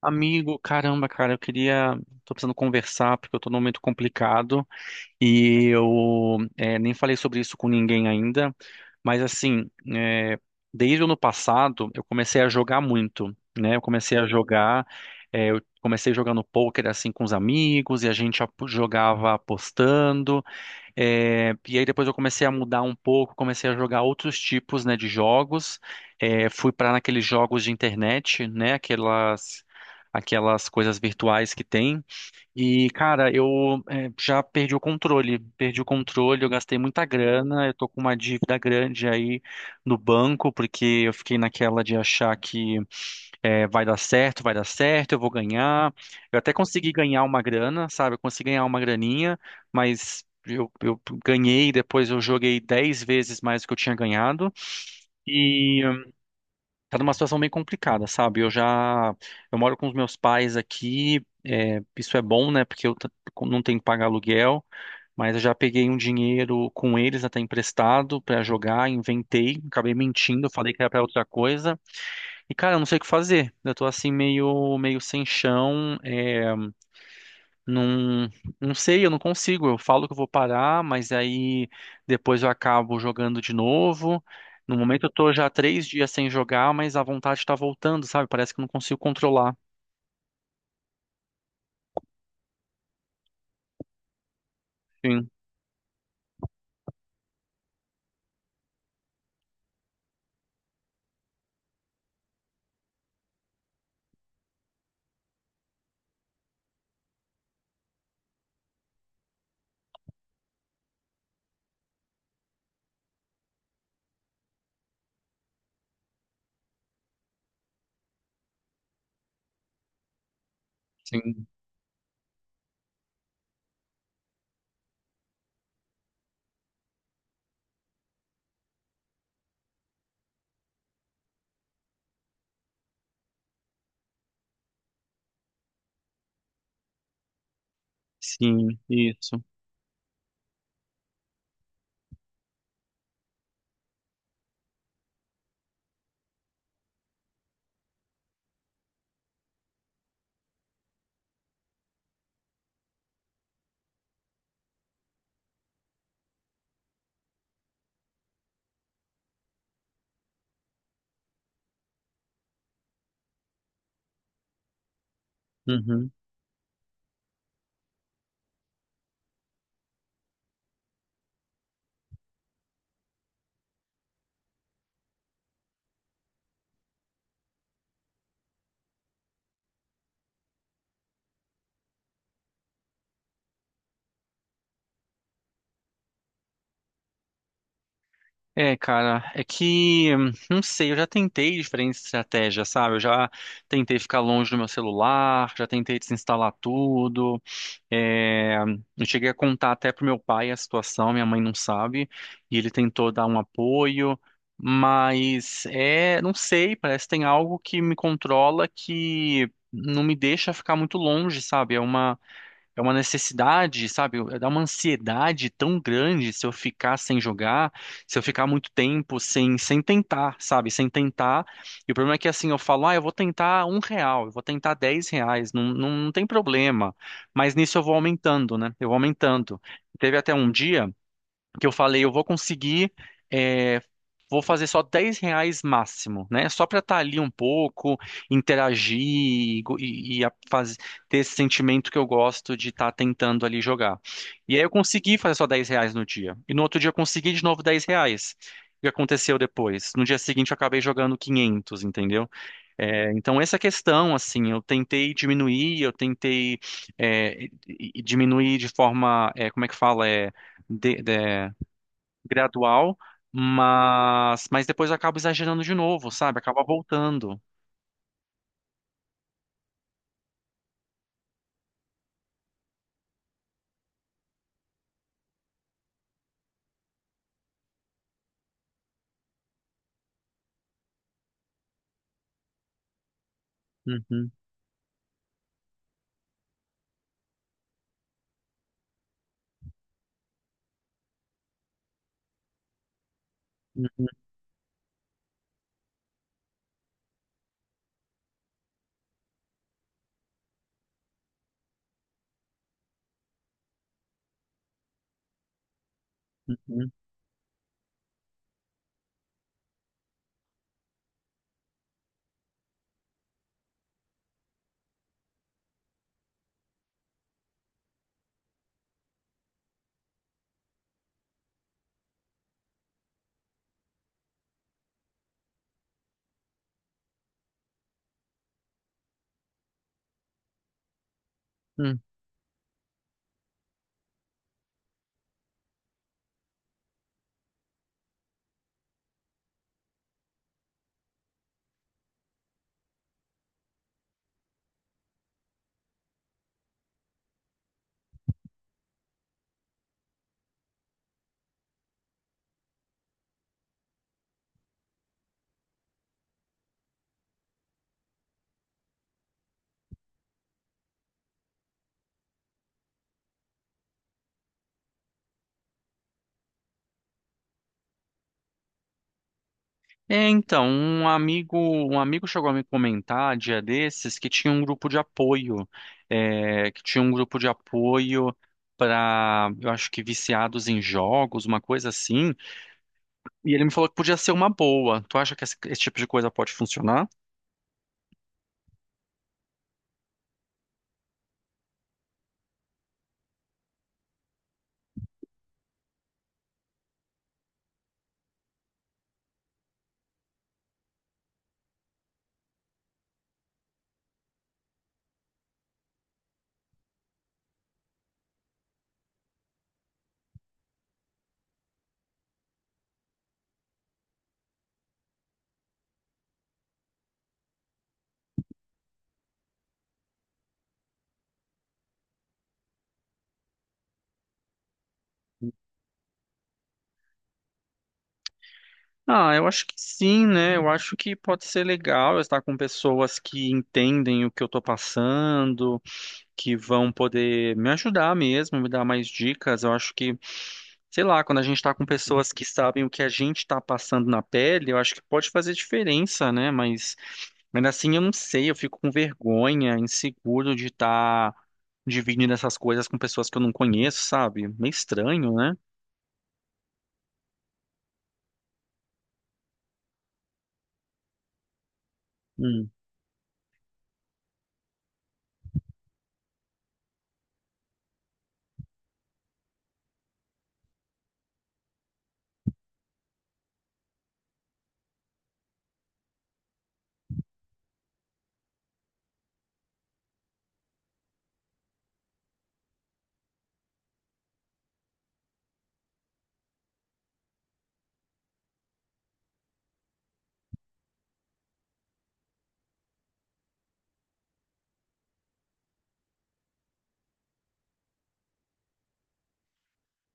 Amigo, caramba, cara, eu queria. Tô precisando conversar porque eu tô num momento complicado e eu nem falei sobre isso com ninguém ainda, mas assim, é, desde o ano passado eu comecei a jogar muito, né? Eu comecei a jogar, eu comecei jogando pôquer assim com os amigos e a gente jogava apostando. E aí depois eu comecei a mudar um pouco, comecei a jogar outros tipos, né, de jogos. Fui para naqueles jogos de internet, né, aquelas coisas virtuais que tem. E, cara, eu já perdi o controle. Perdi o controle, eu gastei muita grana, eu tô com uma dívida grande aí no banco, porque eu fiquei naquela de achar que vai dar certo, eu vou ganhar. Eu até consegui ganhar uma grana, sabe? Eu consegui ganhar uma graninha, mas eu ganhei, depois eu joguei 10 vezes mais do que eu tinha ganhado. Tá numa situação bem complicada, sabe? Eu moro com os meus pais aqui, é, isso é bom, né? Porque eu não tenho que pagar aluguel, mas eu já peguei um dinheiro com eles até emprestado pra jogar, inventei, acabei mentindo, falei que era pra outra coisa. E cara, eu não sei o que fazer. Eu tô assim meio sem chão, não, não sei, eu não consigo. Eu falo que eu vou parar, mas aí depois eu acabo jogando de novo. No momento eu tô já 3 dias sem jogar, mas a vontade tá voltando, sabe? Parece que eu não consigo controlar. Sim, sim, sim, isso. Uhum. É, cara, é que, não sei, eu já tentei diferentes estratégias, sabe? Eu já tentei ficar longe do meu celular, já tentei desinstalar tudo. É, eu cheguei a contar até pro meu pai a situação, minha mãe não sabe, e ele tentou dar um apoio, mas não sei, parece que tem algo que me controla que não me deixa ficar muito longe, sabe? É uma necessidade, sabe? Dá uma ansiedade tão grande se eu ficar sem jogar, se eu ficar muito tempo sem tentar, sabe? Sem tentar. E o problema é que assim, eu falo, ah, eu vou tentar R$ 1, eu vou tentar R$ 10, não, não, não tem problema. Mas nisso eu vou aumentando, né? Eu vou aumentando. Teve até um dia. Porque eu falei, eu vou conseguir, é, vou fazer só R$ 10 máximo, né? Só para estar ali um pouco, interagir e ter esse sentimento que eu gosto de estar tentando ali jogar. E aí eu consegui fazer só R$ 10 no dia. E no outro dia eu consegui de novo R$ 10. O que aconteceu depois? No dia seguinte eu acabei jogando 500, entendeu? É, então essa questão, assim, eu tentei diminuir, eu tentei e diminuir de forma, como é que fala? Gradual, mas depois eu acabo exagerando de novo, sabe? Acaba voltando. Uhum, uhum, uhum, uhum. Então, um amigo chegou a me comentar dia desses que tinha um grupo de apoio, é, que tinha um grupo de apoio para, eu acho que viciados em jogos, uma coisa assim. E ele me falou que podia ser uma boa. Tu acha que esse tipo de coisa pode funcionar? Ah, eu acho que sim, né? Eu acho que pode ser legal eu estar com pessoas que entendem o que eu tô passando, que vão poder me ajudar mesmo, me dar mais dicas. Eu acho que, sei lá, quando a gente tá com pessoas que sabem o que a gente tá passando na pele, eu acho que pode fazer diferença, né? Mas ainda assim eu não sei, eu fico com vergonha, inseguro de estar dividindo essas coisas com pessoas que eu não conheço, sabe? Meio estranho, né? Hum.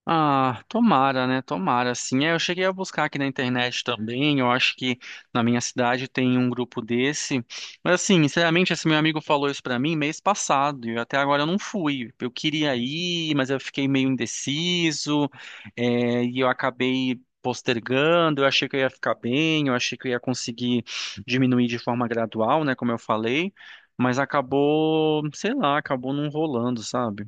Ah, tomara, né? Tomara, sim. Eu cheguei a buscar aqui na internet também. Eu acho que na minha cidade tem um grupo desse. Mas assim, sinceramente, esse meu amigo falou isso pra mim mês passado e até agora eu não fui. Eu queria ir, mas eu fiquei meio indeciso, e eu acabei postergando. Eu achei que eu ia ficar bem, eu achei que eu ia conseguir diminuir de forma gradual, né? Como eu falei, mas acabou, sei lá, acabou não rolando, sabe?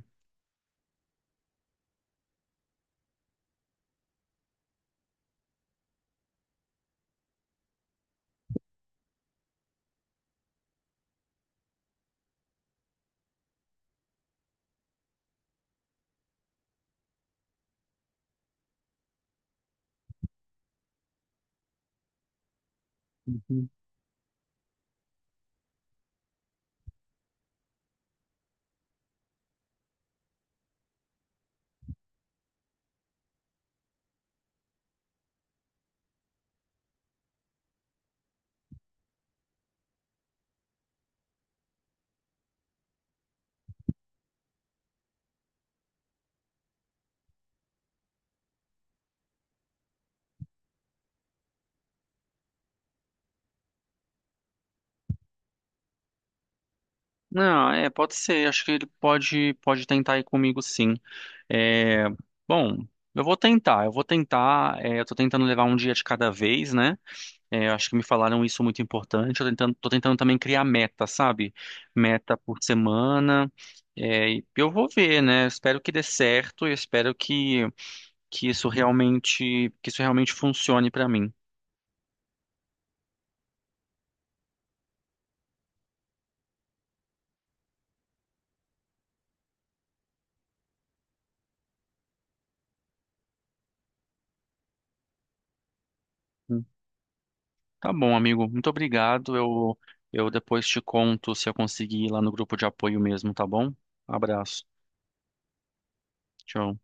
Não, é, pode ser. Acho que ele pode tentar ir comigo, sim. É, bom, eu vou tentar. Eu vou tentar. Eu tô tentando levar um dia de cada vez, né? Acho que me falaram isso muito importante. Tô tentando também criar meta, sabe? Meta por semana. E eu vou ver, né? Eu espero que dê certo. Eu espero que isso realmente funcione pra mim. Tá bom, amigo. Muito obrigado. Eu depois te conto se eu conseguir ir lá no grupo de apoio mesmo, tá bom? Abraço. Tchau.